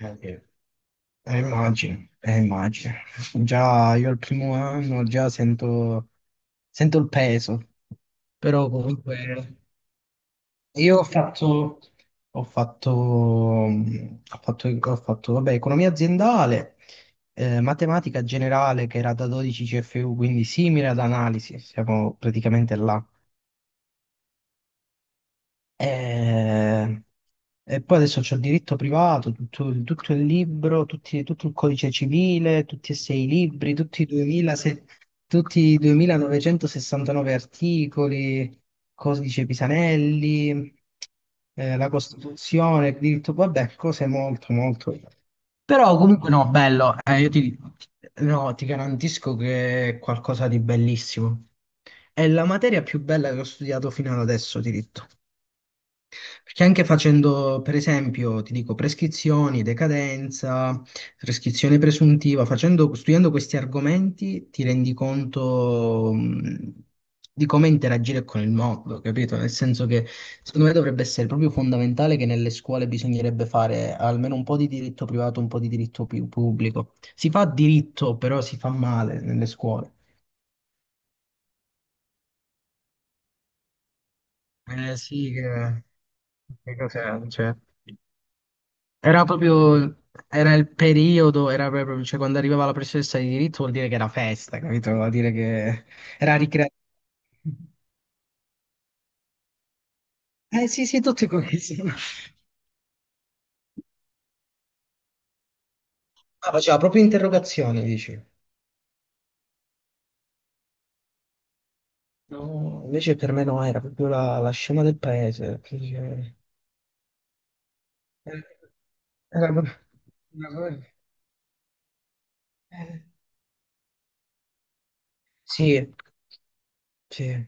Sì. Immagino. Già io al primo anno già sento il peso, però comunque io ho fatto, vabbè, economia aziendale, matematica generale che era da 12 CFU, quindi simile ad analisi, siamo praticamente là. E, e poi adesso c'ho il diritto privato, tutto il libro, tutto il codice civile, tutti e sei i libri, tutti i 2006 tutti i 2969 articoli, codice Pisanelli, la Costituzione, il diritto, vabbè, cose molto, molto. Però comunque no, bello, no, ti garantisco che è qualcosa di bellissimo. È la materia più bella che ho studiato fino ad adesso, diritto. Perché anche facendo, per esempio, ti dico, prescrizioni, decadenza, prescrizione presuntiva, studiando questi argomenti ti rendi conto, di come interagire con il mondo, capito? Nel senso che secondo me dovrebbe essere proprio fondamentale che nelle scuole bisognerebbe fare almeno un po' di diritto privato, un po' di diritto pubblico. Si fa diritto, però si fa male nelle scuole. Eh sì, che cos'è? Cioè. Era proprio, era il periodo, era proprio, cioè quando arrivava la professoressa di diritto vuol dire che era festa, capito? Vuol dire che era ricreativa. Eh sì, sì, tutti questi. Ma faceva proprio interrogazioni, dici. No, invece per me no, era proprio la scema del paese. Quindi, era proprio... era proprio- eh, sì, sì.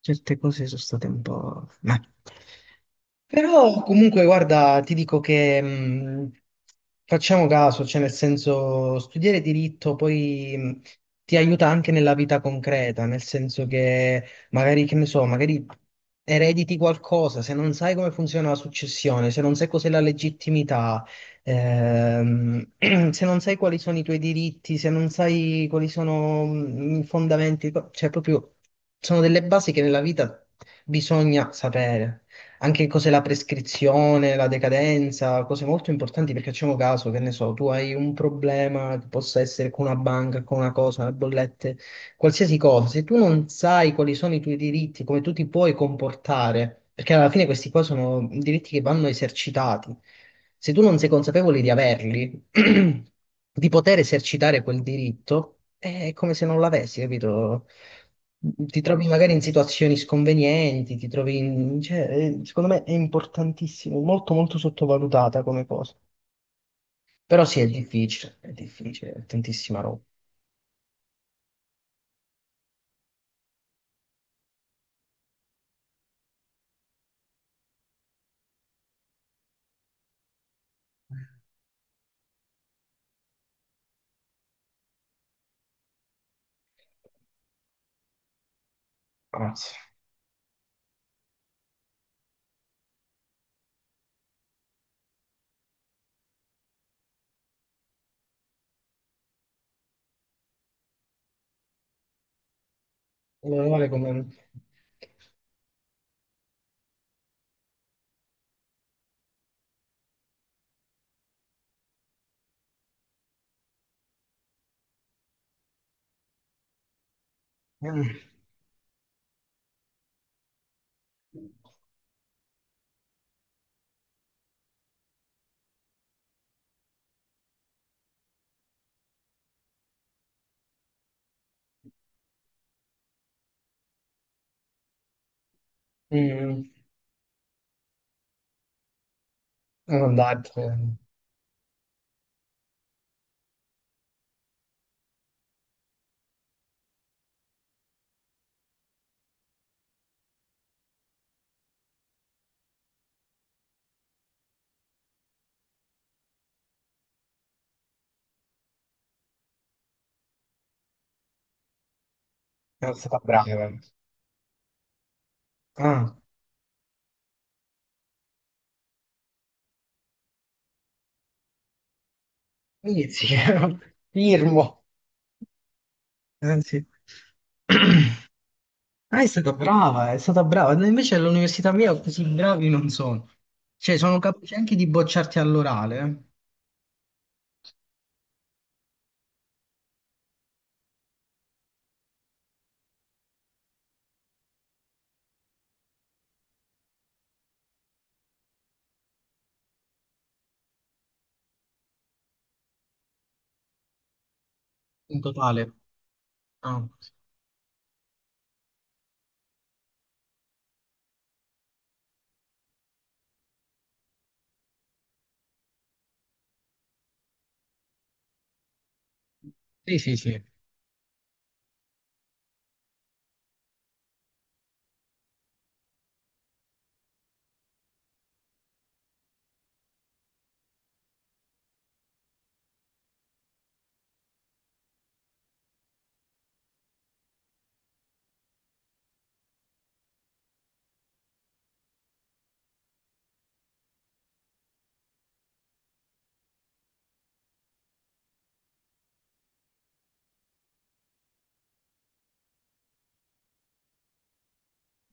Certe cose sono state un po'... Ma però comunque guarda, ti dico che facciamo caso, cioè nel senso studiare diritto poi ti aiuta anche nella vita concreta, nel senso che magari, che ne so, magari erediti qualcosa, se non sai come funziona la successione, se non sai cos'è la legittimità. Ehm, Se non sai quali sono i tuoi diritti, se non sai quali sono i fondamenti, cioè proprio sono delle basi che nella vita bisogna sapere. Anche cos'è la prescrizione, la decadenza, cose molto importanti perché facciamo caso, che ne so, tu hai un problema che possa essere con una banca, con una cosa, le bollette, qualsiasi cosa, se tu non sai quali sono i tuoi diritti, come tu ti puoi comportare, perché alla fine questi qua sono diritti che vanno esercitati, se tu non sei consapevole di averli, di poter esercitare quel diritto, è come se non l'avessi, capito? Ti trovi magari in situazioni sconvenienti, ti trovi in... cioè, secondo me è importantissimo, molto molto sottovalutata come cosa. Però sì, è difficile, è difficile, è tantissima roba. Grazie. Meno male come... Mm, mm, mannaggia, non è stata brava. Ah, inizi, firmo. Anzi, brava, è stata brava. No, invece all'università mia così bravi non sono. Cioè, sono capaci anche di bocciarti all'orale, in totale. Ah. Sì, sì, sì.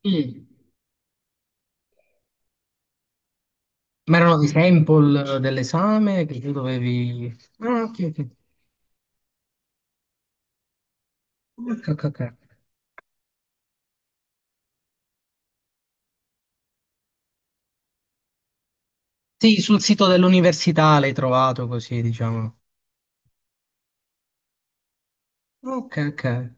Mm. Ma erano dei sample dell'esame che tu dovevi... Ah, ok, ok. Ok, ok, ok. Sì, sul sito dell'università l'hai trovato così, diciamo. Ok, ok, è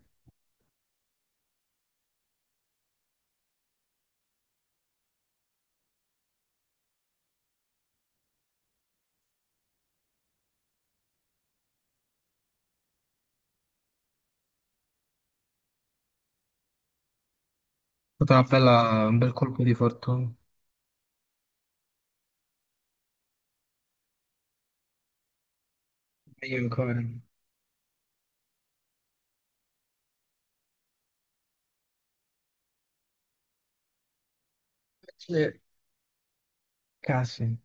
stata una un bel colpo di fortuna. Meglio ancora. Sì. Casi.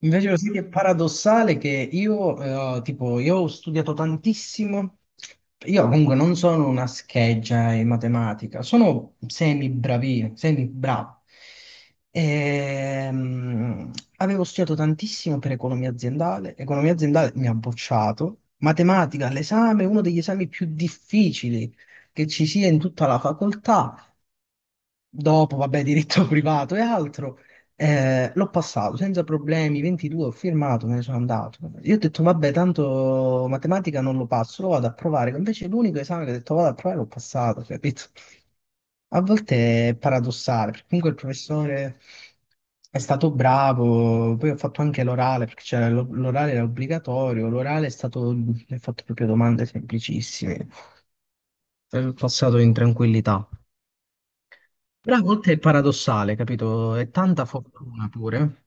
Invece lo sai che è paradossale che io, tipo, io ho studiato tantissimo, io comunque non sono una scheggia in matematica, sono semi bravo. Ehm, avevo studiato tantissimo per economia aziendale mi ha bocciato, matematica all'esame, uno degli esami più difficili che ci sia in tutta la facoltà dopo, vabbè, diritto privato e altro, l'ho passato senza problemi, 22, ho firmato, me ne sono andato. Io ho detto, vabbè, tanto matematica non lo passo, lo vado a provare. Invece l'unico esame che ho detto, vado a provare, l'ho passato, capito? A volte è paradossale, perché comunque il professore è stato bravo, poi ho fatto anche l'orale, perché c'era l'orale era obbligatorio, l'orale è stato, mi ha fatto proprio domande semplicissime, ho passato in tranquillità. Però a volte è paradossale, capito? È tanta fortuna pure.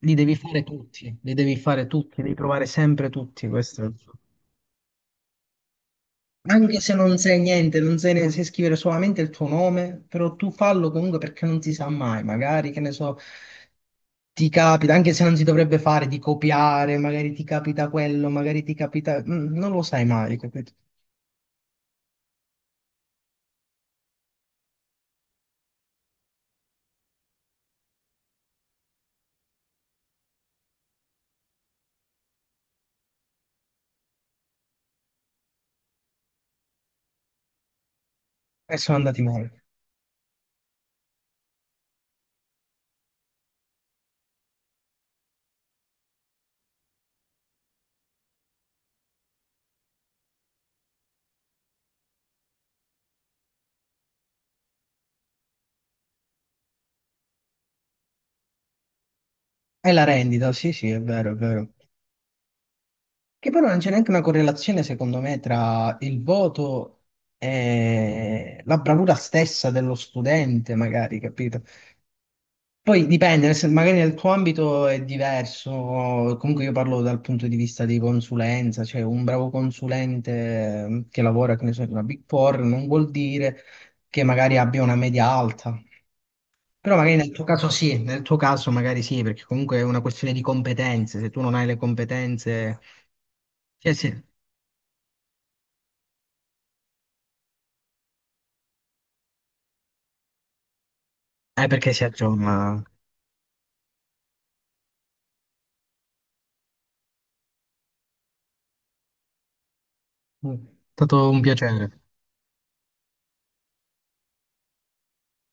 Li devi fare tutti, li devi fare tutti, devi provare sempre tutti, questo il suo. Anche se non sai niente, non sai, sai scrivere solamente il tuo nome, però tu fallo comunque perché non si sa mai, magari, che ne so, ti capita, anche se non si dovrebbe fare, di copiare, magari ti capita quello, magari ti capita... non lo sai mai, capito? E sono andati male. E la rendita, sì, sì, è vero, è vero. Che però non c'è neanche una correlazione, secondo me, tra il voto e la bravura stessa dello studente, magari, capito? Poi dipende, magari nel tuo ambito è diverso, comunque io parlo dal punto di vista di consulenza, cioè un bravo consulente che lavora, che ne so, in una Big Four non vuol dire che magari abbia una media alta. Però magari nel tuo caso sì, nel tuo caso magari sì, perché comunque è una questione di competenze, se tu non hai le competenze... Cioè, sì. Perché si aggiorna. È Mm. stato un piacere.